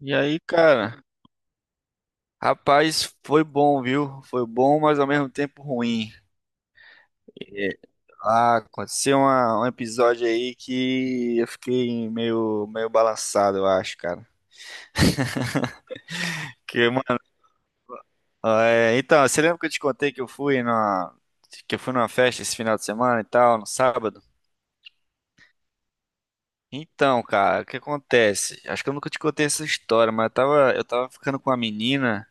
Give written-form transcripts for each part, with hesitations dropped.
E aí, cara, rapaz, foi bom, viu? Foi bom, mas ao mesmo tempo ruim. É, aconteceu um episódio aí que eu fiquei meio balançado, eu acho, cara. Que, mano, então, você lembra que eu te contei que eu fui numa festa esse final de semana e tal, no sábado? Então, cara, o que acontece? Acho que eu nunca te contei essa história, mas eu tava ficando com a menina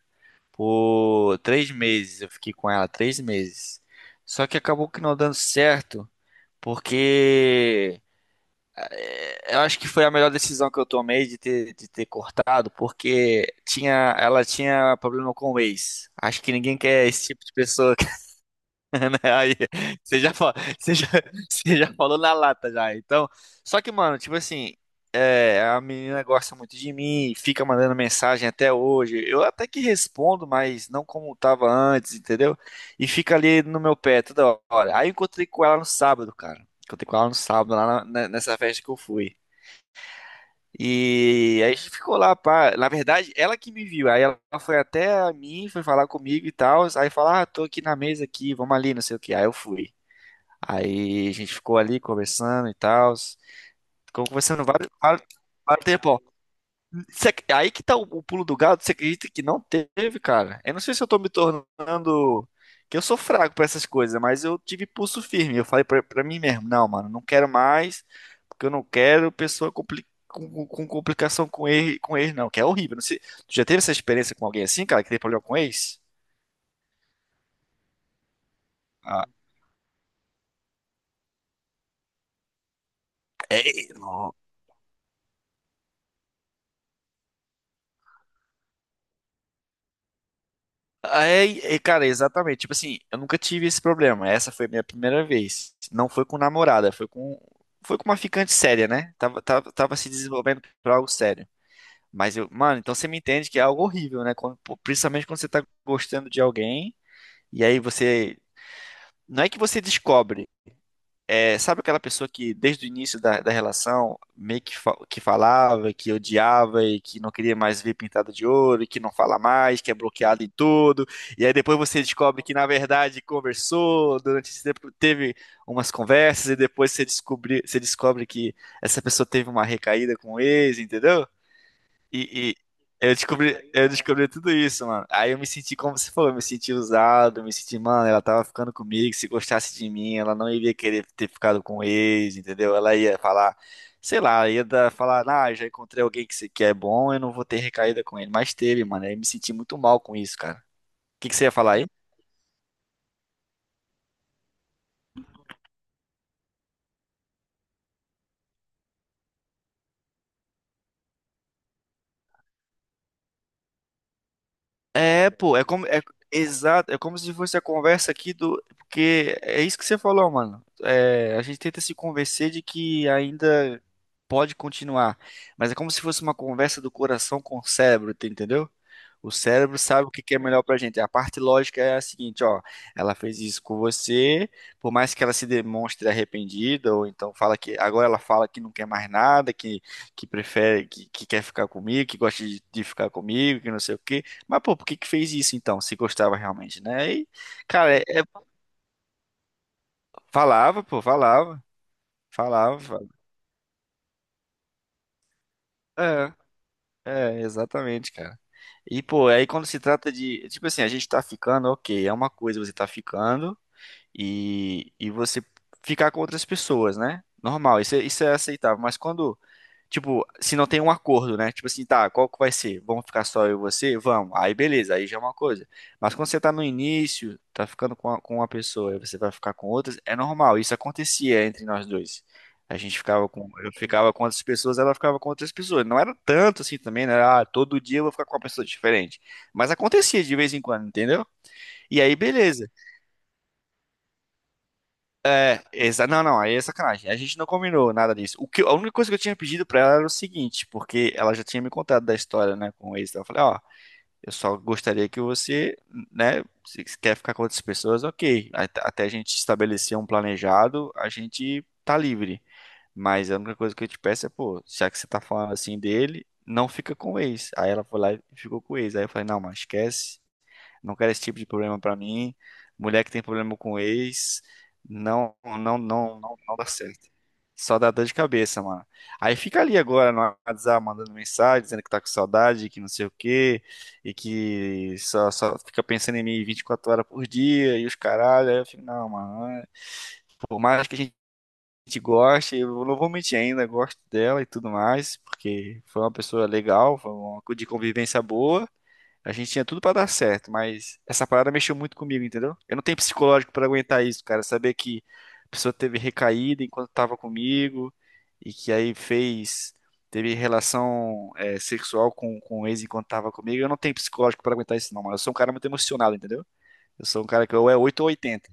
por 3 meses. Eu fiquei com ela 3 meses. Só que acabou que não dando certo. Porque eu acho que foi a melhor decisão que eu tomei de ter, cortado, porque ela tinha problema com o ex. Acho que ninguém quer esse tipo de pessoa, né? Aí, você já, fa- você já, você já falou na lata já. Então, só que, mano, tipo assim, a menina gosta muito de mim, fica mandando mensagem até hoje. Eu até que respondo, mas não como tava antes, entendeu? E fica ali no meu pé toda hora. Aí eu encontrei com ela no sábado, cara. Encontrei com ela no sábado, lá nessa festa que eu fui. E aí a gente ficou lá, pá. Na verdade, ela que me viu. Aí ela foi até a mim, foi falar comigo e tal. Aí falar, ah, tô aqui na mesa aqui, vamos ali, não sei o que. Aí eu fui. Aí a gente ficou ali conversando e tal. Ficou conversando vários, vários, vários tempo, ó. Aí que tá o pulo do gato, você acredita que não teve, cara? Eu não sei se eu tô me tornando. Que eu sou fraco pra essas coisas, mas eu tive pulso firme. Eu falei pra mim mesmo: não, mano, não quero mais, porque eu não quero pessoa com complicação com com ex, não, que é horrível. Não sei, tu já teve essa experiência com alguém assim, cara, que tem problema com ex? Ah, é, é, é, cara, exatamente. Tipo assim, eu nunca tive esse problema. Essa foi a minha primeira vez. Não foi com namorada, foi com, uma ficante séria, né? Tava, tava se desenvolvendo pra algo sério. Mas eu, mano, então você me entende que é algo horrível, né? Pô, principalmente quando você tá gostando de alguém, e aí você. Não é que você descobre, sabe aquela pessoa que desde o início da relação meio que falava, que odiava e que não queria mais ver pintada de ouro, e que não fala mais, que é bloqueado em tudo, e aí depois você descobre que na verdade conversou, durante esse tempo teve umas conversas e depois você descobre que essa pessoa teve uma recaída com o ex, entendeu? E, eu descobri tudo isso, mano. Aí eu me senti, como você falou, eu me senti usado, eu me senti, mano, ela tava ficando comigo, se gostasse de mim, ela não iria querer ter ficado com o ex, entendeu? Ela ia falar, sei lá, falar, ah, já encontrei alguém que é bom, eu não vou ter recaída com ele. Mas teve, mano. Aí eu me senti muito mal com isso, cara. O que que você ia falar aí? É, pô, é como é exato, é como se fosse a conversa aqui do porque é isso que você falou, mano. É, a gente tenta se convencer de que ainda pode continuar, mas é como se fosse uma conversa do coração com o cérebro, tá, entendeu? O cérebro sabe o que que é melhor pra gente. A parte lógica é a seguinte, ó, ela fez isso com você, por mais que ela se demonstre arrependida ou então fala que agora ela fala que não quer mais nada, que prefere que quer ficar comigo, que gosta de ficar comigo, que não sei o quê, mas, pô, por que que fez isso então, se gostava realmente, né? E, cara, falava, pô, falava, falava, falava. É, é, exatamente, cara. E, pô, aí quando se trata de, tipo assim, a gente tá ficando, ok, é uma coisa você tá ficando, e você ficar com outras pessoas, né? Normal, isso, isso é aceitável. Mas quando, tipo, se não tem um acordo, né? Tipo assim, tá, qual que vai ser? Vamos ficar só eu e você? Vamos. Aí beleza, aí já é uma coisa. Mas quando você tá no início, tá ficando com uma pessoa e você vai ficar com outras, é normal. Isso acontecia entre nós dois. A gente eu ficava com outras pessoas, ela ficava com outras pessoas. Não era tanto assim também, né? Ah, todo dia eu vou ficar com uma pessoa diferente. Mas acontecia de vez em quando, entendeu? E aí, beleza. Não, não, aí é sacanagem. A gente não combinou nada disso. A única coisa que eu tinha pedido pra ela era o seguinte, porque ela já tinha me contado da história, né, com o ex. Eu falei, ó, eu só gostaria que você, né, se quer ficar com outras pessoas, ok. Até a gente estabelecer um planejado, a gente tá livre. Mas a única coisa que eu te peço é, pô, já que você tá falando assim dele, não fica com o ex. Aí ela foi lá e ficou com o ex. Aí eu falei, não, mas esquece. Não quero esse tipo de problema pra mim. Mulher que tem problema com ex, não, não, não, não, não dá certo. Só dá dor de cabeça, mano. Aí fica ali agora no WhatsApp mandando mensagem, dizendo que tá com saudade, que não sei o quê, e que só fica pensando em mim 24 horas por dia e os caralho. Aí eu fico, não, mano. Por mais que a gente goste, eu não vou mentir ainda, gosto dela e tudo mais, porque foi uma pessoa legal, de convivência boa. A gente tinha tudo pra dar certo, mas essa parada mexeu muito comigo, entendeu? Eu não tenho psicológico pra aguentar isso, cara. Saber que a pessoa teve recaída enquanto tava comigo e que aí teve relação sexual com o ex enquanto tava comigo. Eu não tenho psicológico pra aguentar isso, não, mano. Eu sou um cara muito emocionado, entendeu? Eu sou um cara que ou é oito ou 80.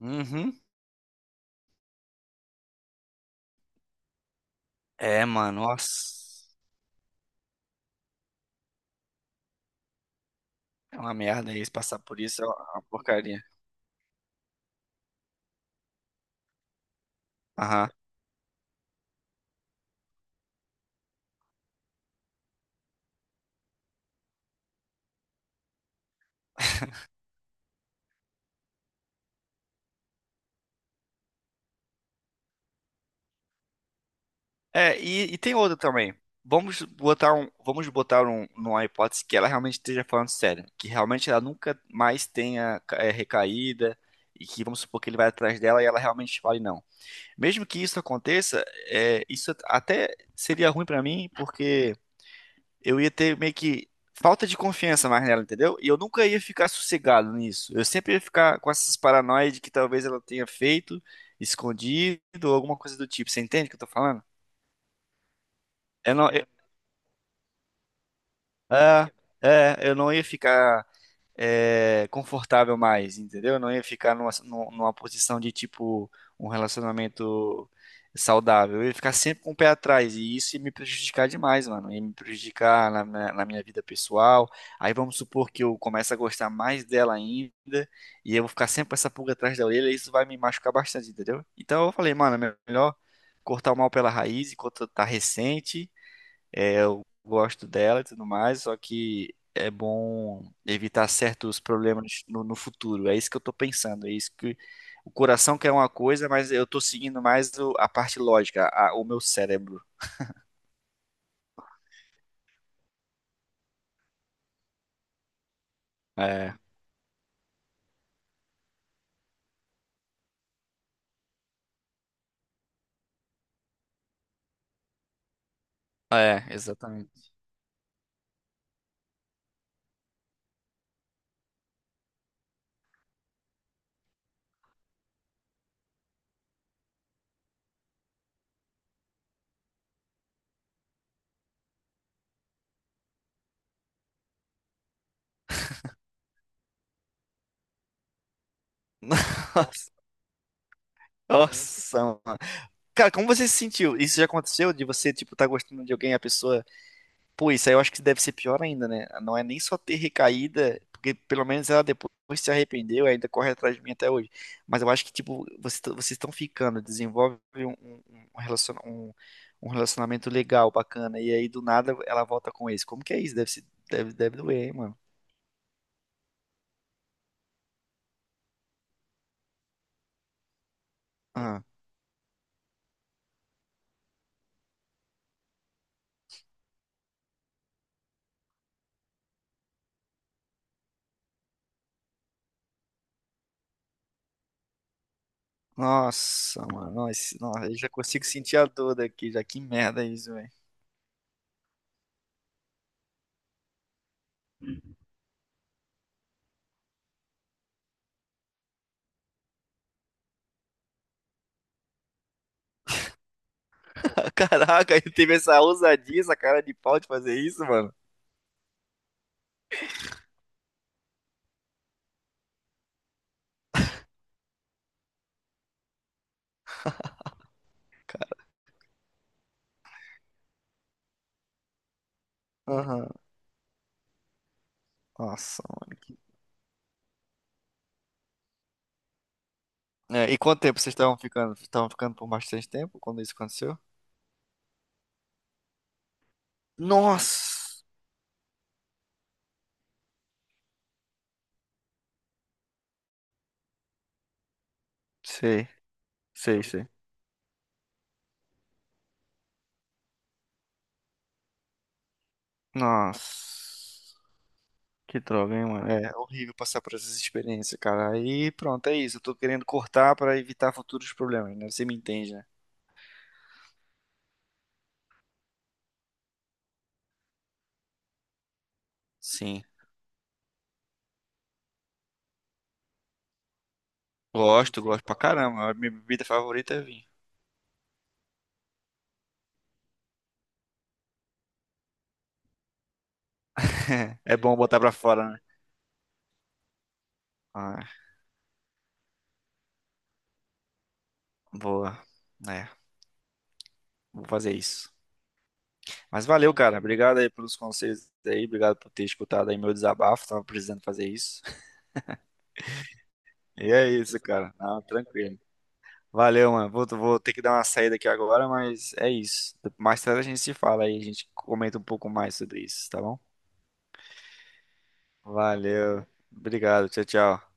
Uhum. É, mano, nossa. É uma merda isso, passar por isso é uma porcaria. Aham. É, e tem outra também. Vamos botar um, numa hipótese que ela realmente esteja falando sério, que realmente ela nunca mais tenha recaída e que vamos supor que ele vai atrás dela e ela realmente fale não. Mesmo que isso aconteça, isso até seria ruim pra mim, porque eu ia ter meio que falta de confiança mais nela, entendeu? E eu nunca ia ficar sossegado nisso. Eu sempre ia ficar com essas paranoias de que talvez ela tenha feito escondido ou alguma coisa do tipo. Você entende o que eu tô falando? Eu não, É, eu não ia ficar confortável mais, entendeu? Eu não ia ficar numa posição de tipo um relacionamento saudável. Eu ia ficar sempre com o pé atrás e isso ia me prejudicar demais, mano. Ia me prejudicar na minha vida pessoal. Aí vamos supor que eu comece a gostar mais dela ainda e eu vou ficar sempre com essa pulga atrás da orelha e isso vai me machucar bastante, entendeu? Então eu falei, mano, é melhor cortar o mal pela raiz enquanto tá recente, eu gosto dela e tudo mais, só que é bom evitar certos problemas no futuro. É isso que eu tô pensando, é isso que o coração quer uma coisa, mas eu tô seguindo mais a parte lógica, o meu cérebro. É, é, exatamente. Nossa, mano. Cara, como você se sentiu? Isso já aconteceu de você, tipo, tá gostando de alguém, e a pessoa. Pô, isso aí eu acho que deve ser pior ainda, né? Não é nem só ter recaída, porque pelo menos ela depois se arrependeu e ainda corre atrás de mim até hoje. Mas eu acho que, tipo, vocês estão ficando, desenvolve um relaciona- um- um relacionamento legal, bacana, e aí do nada ela volta com esse. Como que é isso? Deve, se- deve, deve doer, hein, mano? Ah, nossa, mano, nossa, nossa, eu já consigo sentir a dor daqui, já que merda é isso, velho. Caraca, ele teve essa ousadia, essa cara de pau de fazer isso, mano. Aham. Nossa, mano. É, e quanto tempo vocês estavam ficando? Estavam ficando por bastante tempo quando isso aconteceu? Nossa! Sei, sei, sei. Nossa, que droga, hein, mano? É horrível passar por essas experiências, cara. Aí pronto, é isso. Eu tô querendo cortar pra evitar futuros problemas, né? Você me entende, né? Sim. Gosto, gosto pra caramba. A minha bebida favorita é vinho. É bom botar pra fora, né? Ah, boa. É, vou fazer isso. Mas valeu, cara. Obrigado aí pelos conselhos aí. Obrigado por ter escutado aí meu desabafo. Tava precisando fazer isso. E é isso, cara. Não, tranquilo. Valeu, mano. Vou ter que dar uma saída aqui agora, mas é isso. Mais tarde a gente se fala aí, a gente comenta um pouco mais sobre isso, tá bom? Valeu. Obrigado. Tchau, tchau.